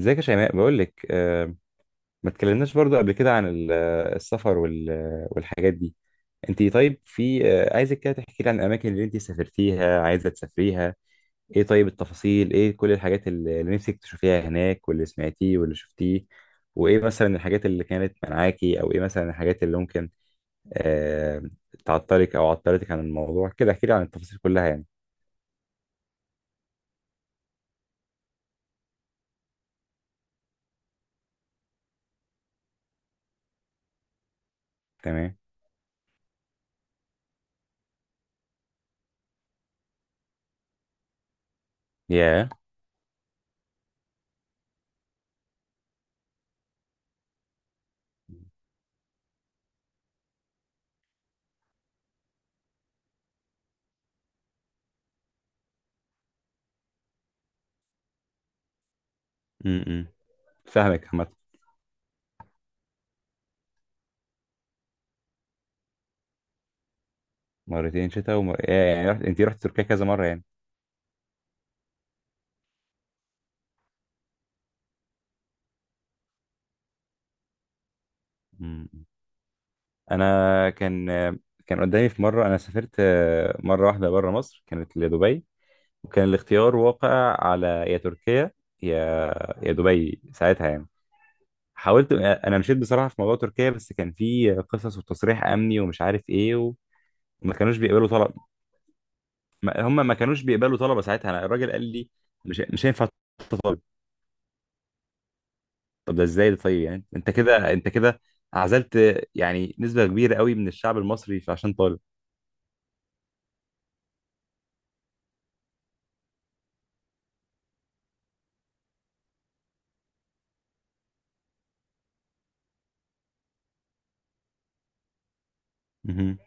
ازيك يا شيماء، بقول لك ما اتكلمناش برضو قبل كده عن السفر وال- آه، والحاجات دي. انت طيب، في عايزك كده تحكي لي عن الاماكن اللي انت سافرتيها، عايزه تسافريها. ايه؟ طيب التفاصيل ايه؟ كل الحاجات اللي نفسك تشوفيها هناك، واللي سمعتيه واللي شفتيه. وايه مثلا الحاجات اللي كانت منعاكي، او ايه مثلا الحاجات اللي ممكن آه، تعطلك او عطلتك عن الموضوع. كده احكي لي عن التفاصيل كلها يعني. تمام. يا، امم، فاهمك عامة. مرتين شتاء ومر... يا- يعني رحت... انت رحت تركيا كذا مره يعني. مم. انا كان كان قدامي في مره، انا سافرت مره واحده بره مصر، كانت لدبي. وكان الاختيار واقع على يا تركيا يا يا دبي ساعتها يعني. حاولت، انا مشيت بصراحه في موضوع تركيا، بس كان في قصص وتصريح امني ومش عارف ايه، وما كانوش بيقبلوا طلب. ما- هم ما كانوش بيقبلوا طلبه ساعتها. انا الراجل قال لي مش هينفع تطلب. طب ده ازاي ده؟ طيب يعني انت كده، عزلت يعني نسبه كبيره قوي من الشعب المصري عشان طالب. مهم.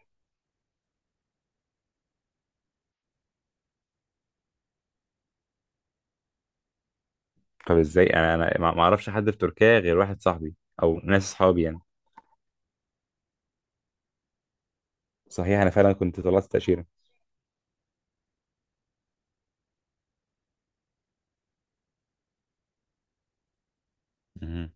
طب ازاي؟ انا ما اعرفش حد في تركيا غير واحد صاحبي او ناس اصحابي يعني. صحيح انا فعلا كنت طلعت تأشيرة. مهم.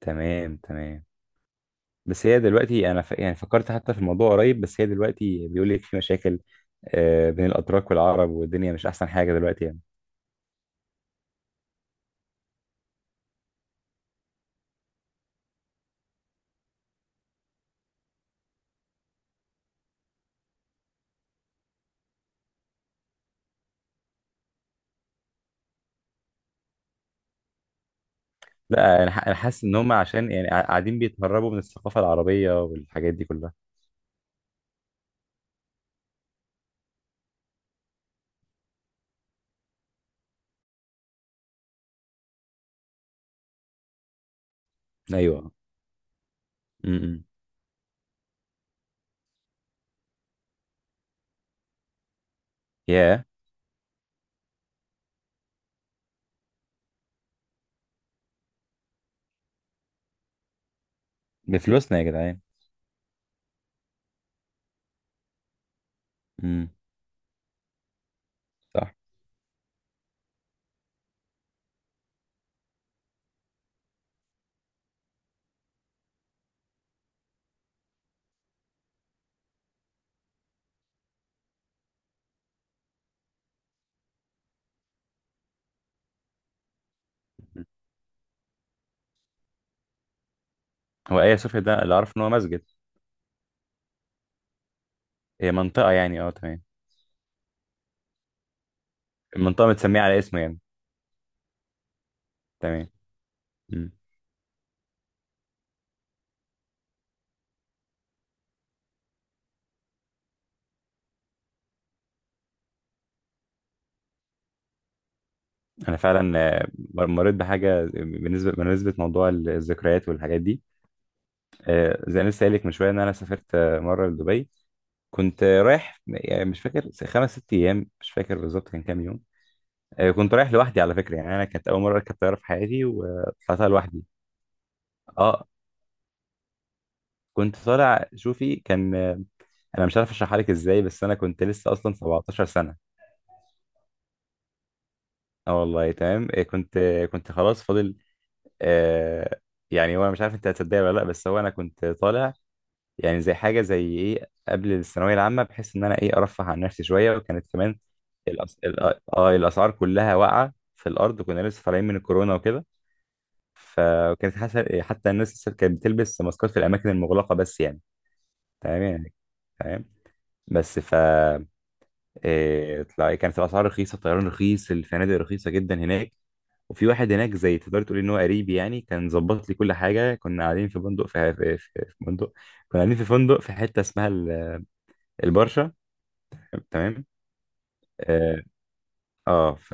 تمام تمام. بس هي دلوقتي يعني فكرت حتى في الموضوع قريب، بس هي دلوقتي بيقول لك في مشاكل بين الاتراك والعرب، والدنيا مش احسن حاجه دلوقتي يعني. لا انا ح- أنا حاسس ان هم عشان يعني قاعدين بيتهربوا من الثقافه العربيه والحاجات دي كلها. ايوه. امم. يا، بفلوسنا يا جدعان. امم. صح. مهم. هو ايا صوفيا ده اللي اعرف ان هو مسجد. هي منطقه يعني، اه تمام. المنطقة متسمية على اسمه يعني. تمام. مم. أنا فعلا مريت بحاجة بالنسبة لموضوع الذكريات والحاجات دي. زي ما لسه قايل لك من شوية إن أنا سافرت مرة لدبي. كنت رايح يعني، مش فاكر خمس ست أيام، مش فاكر بالظبط كان كام يوم. كنت رايح لوحدي على فكرة. يعني أنا كانت أول مرة أركب طيارة في حياتي، وطلعتها لوحدي. أه، كنت طالع شوفي، كان انا مش عارف اشرحها لك ازاي، بس انا كنت لسه اصلا 17 سنه. اه والله تمام. إيه، كنت كنت خلاص فاضل آه. يعني هو مش عارف انت هتصدقني ولا لا، بس هو انا كنت طالع يعني زي حاجه زي ايه قبل الثانويه العامه، بحيث ان انا ايه ارفه عن نفسي شويه. وكانت كمان الأس... الأ- اه الاسعار كلها واقعه في الارض، وكنا لسه طالعين من الكورونا وكده. فكانت حتى الناس لسه كانت بتلبس ماسكات في الاماكن المغلقه بس، يعني. تمام يعني. تمام. بس ف، إيه... كانت الاسعار رخيصه، الطيران رخيص، الفنادق رخيصه جدا هناك. وفي واحد هناك زي تقدر تقول ان هو قريب يعني، كان ظبط لي كل حاجه. كنا قاعدين في فندق في فندق. كنا قاعدين في فندق في حته اسمها البرشا. تمام. اه، آه ف،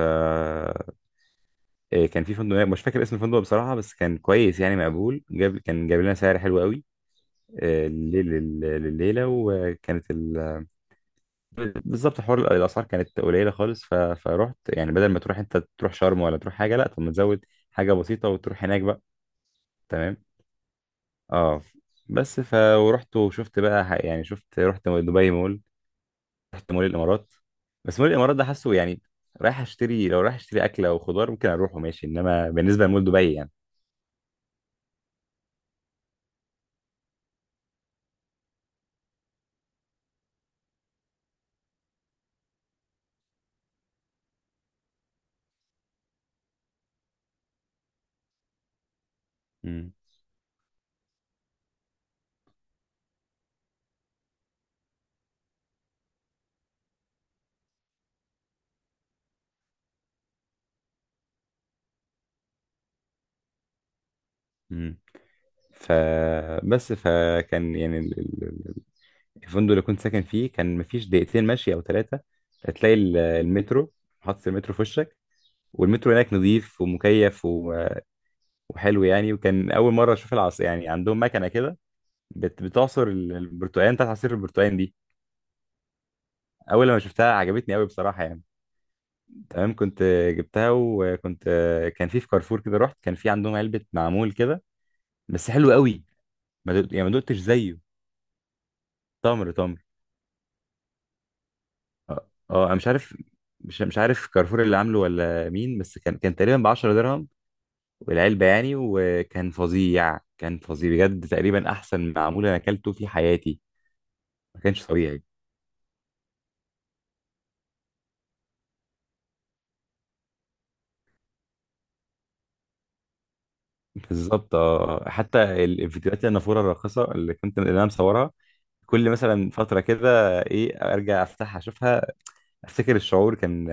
كان في فندق هناك، مش فاكر اسم الفندق بصراحه، بس كان كويس يعني، مقبول. جاب، جاب لنا سعر حلو قوي الليل لليله. وكانت ال... بالظبط حوار الاسعار كانت قليله خالص. فرحت يعني بدل ما تروح انت تروح شرم ولا تروح حاجه، لا طب ما تزود حاجه بسيطه وتروح هناك بقى. تمام. اه. بس ف، ورحت وشفت بقى يعني شفت، رحت دبي مول، رحت مول الامارات. بس مول الامارات ده حاسه يعني رايح اشتري، لو رايح اشتري اكل او خضار ممكن اروح وماشي، انما بالنسبه لمول دبي يعني. امم. امم. ف، بس فكان يعني الفندق اللي كنت ساكن فيه كان مفيش دقيقتين مشي او ثلاثه، هتلاقي المترو. حاطط المترو في وشك. والمترو هناك نظيف ومكيف و- وحلو يعني. وكان اول مره اشوف العصر يعني، عندهم مكنه كده بتعصر البرتقال، بتاعت عصير البرتقال دي. اول لما شفتها عجبتني قوي بصراحه يعني. تمام، كنت جبتها وكنت، كان في في كارفور كده رحت، كان في عندهم علبه معمول كده بس حلو قوي. ما دقت يعني، ما دقتش زيه. تمر تمر. اه. انا مش عارف، مش عارف كارفور اللي عامله ولا مين، بس كان تقريبا ب 10 درهم والعلبه يعني. وكان فظيع، كان فظيع بجد، تقريبا احسن معمول انا اكلته في حياتي. ما كانش طبيعي. بالظبط اه، حتى الفيديوهات، النافوره الراقصه اللي كنت، اللي انا مصورها، كل مثلا فتره كده ايه ارجع افتحها اشوفها، افتكر الشعور كان،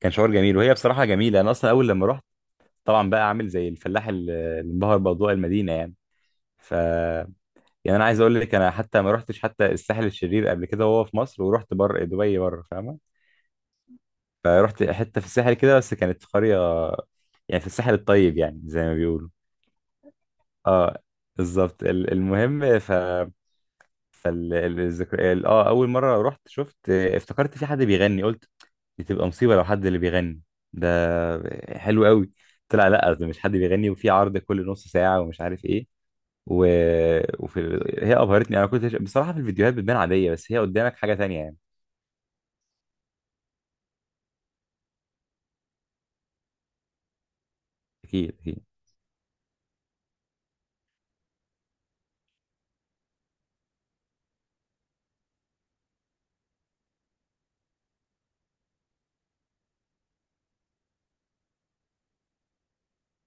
كان شعور جميل. وهي بصراحه جميله. انا اصلا اول لما رحت، طبعا بقى عامل زي الفلاح اللي انبهر باضواء المدينه يعني. ف، يعني انا عايز اقول لك انا حتى ما رحتش حتى الساحل الشرير قبل كده وهو في مصر، ورحت بره دبي بره فاهمه. فرحت حته في الساحل كده، بس كانت في قريه يعني في الساحل الطيب يعني زي ما بيقولوا. اه، بالظبط. المهم ف، ال- ال- الذكر ال- اه اول مره رحت، شفت، افتكرت في حد بيغني. قلت دي تبقى مصيبه لو حد اللي بيغني ده، حلو قوي. طلع لا، ده مش حد بيغني، وفي عرض كل نص ساعه ومش عارف ايه. و... وفي. هي ابهرتني. انا كنت بصراحه في الفيديوهات بتبان عاديه، بس هي قدامك حاجه تانية يعني. اكيد اكيد.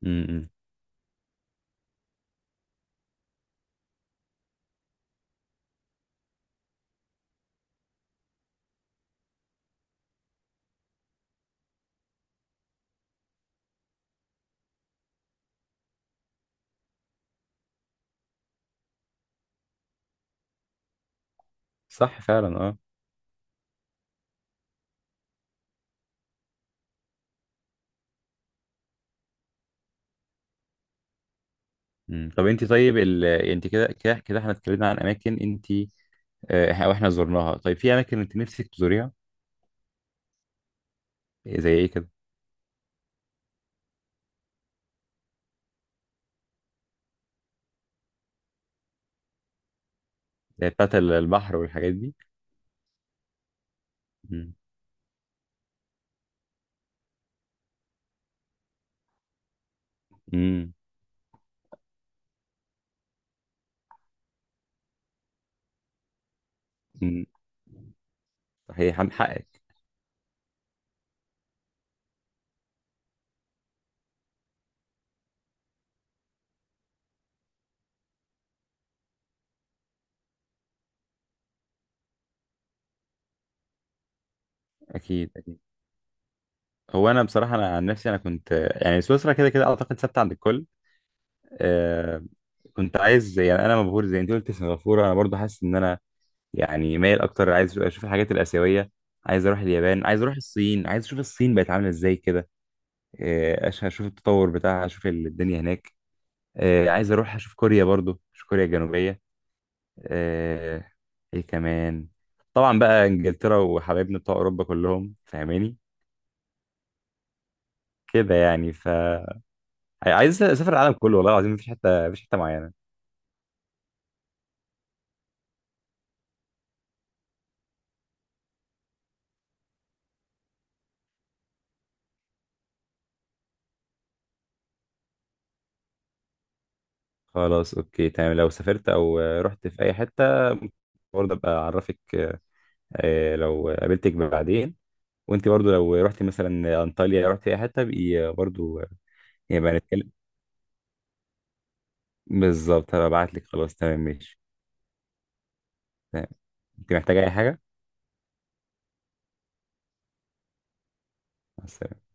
امم. إمم. صح فعلا اه. مم. طب انت طيب، ال... انت كده احنا اتكلمنا عن اماكن انت واحنا زرناها. طيب في اماكن انت نفسك تزوريها؟ إيه، زي ايه كده؟ زي بتاعت البحر والحاجات دي. مم. مم. مم. صحيح عن حقك. اكيد اكيد. هو انا بصراحه، انا عن نفسي انا كنت يعني، سويسرا كده اعتقد ثابته عند الكل آه. كنت عايز يعني، انا مبهور زي انت قلت سنغافوره. انا برضو حاسس ان انا يعني مايل اكتر، عايز اشوف الحاجات الاسيويه. عايز اروح اليابان، عايز اروح الصين، عايز اشوف الصين بقت عامله ازاي كده. اشوف التطور بتاعها، اشوف الدنيا هناك. آه، عايز اروح اشوف كوريا برضو، اشوف كوريا الجنوبيه. آه، ايه كمان؟ طبعا بقى انجلترا وحبايبنا بتوع اوروبا كلهم فاهماني كده يعني. ف، عايز اسافر العالم كله والله العظيم، مفيش حته، مفيش حته معينه. خلاص اوكي تمام. لو سافرت او رحت في اي حته، برضه ابقى اعرفك لو قابلتك بعدين. وانت برضه لو رحتي مثلا انطاليا، رحتي اي حته بقي برضه، يبقى نتكلم. بالظبط، هبقى ابعت لك. خلاص تمام ماشي. تمام. انت محتاجه اي حاجه؟ مع السلامة.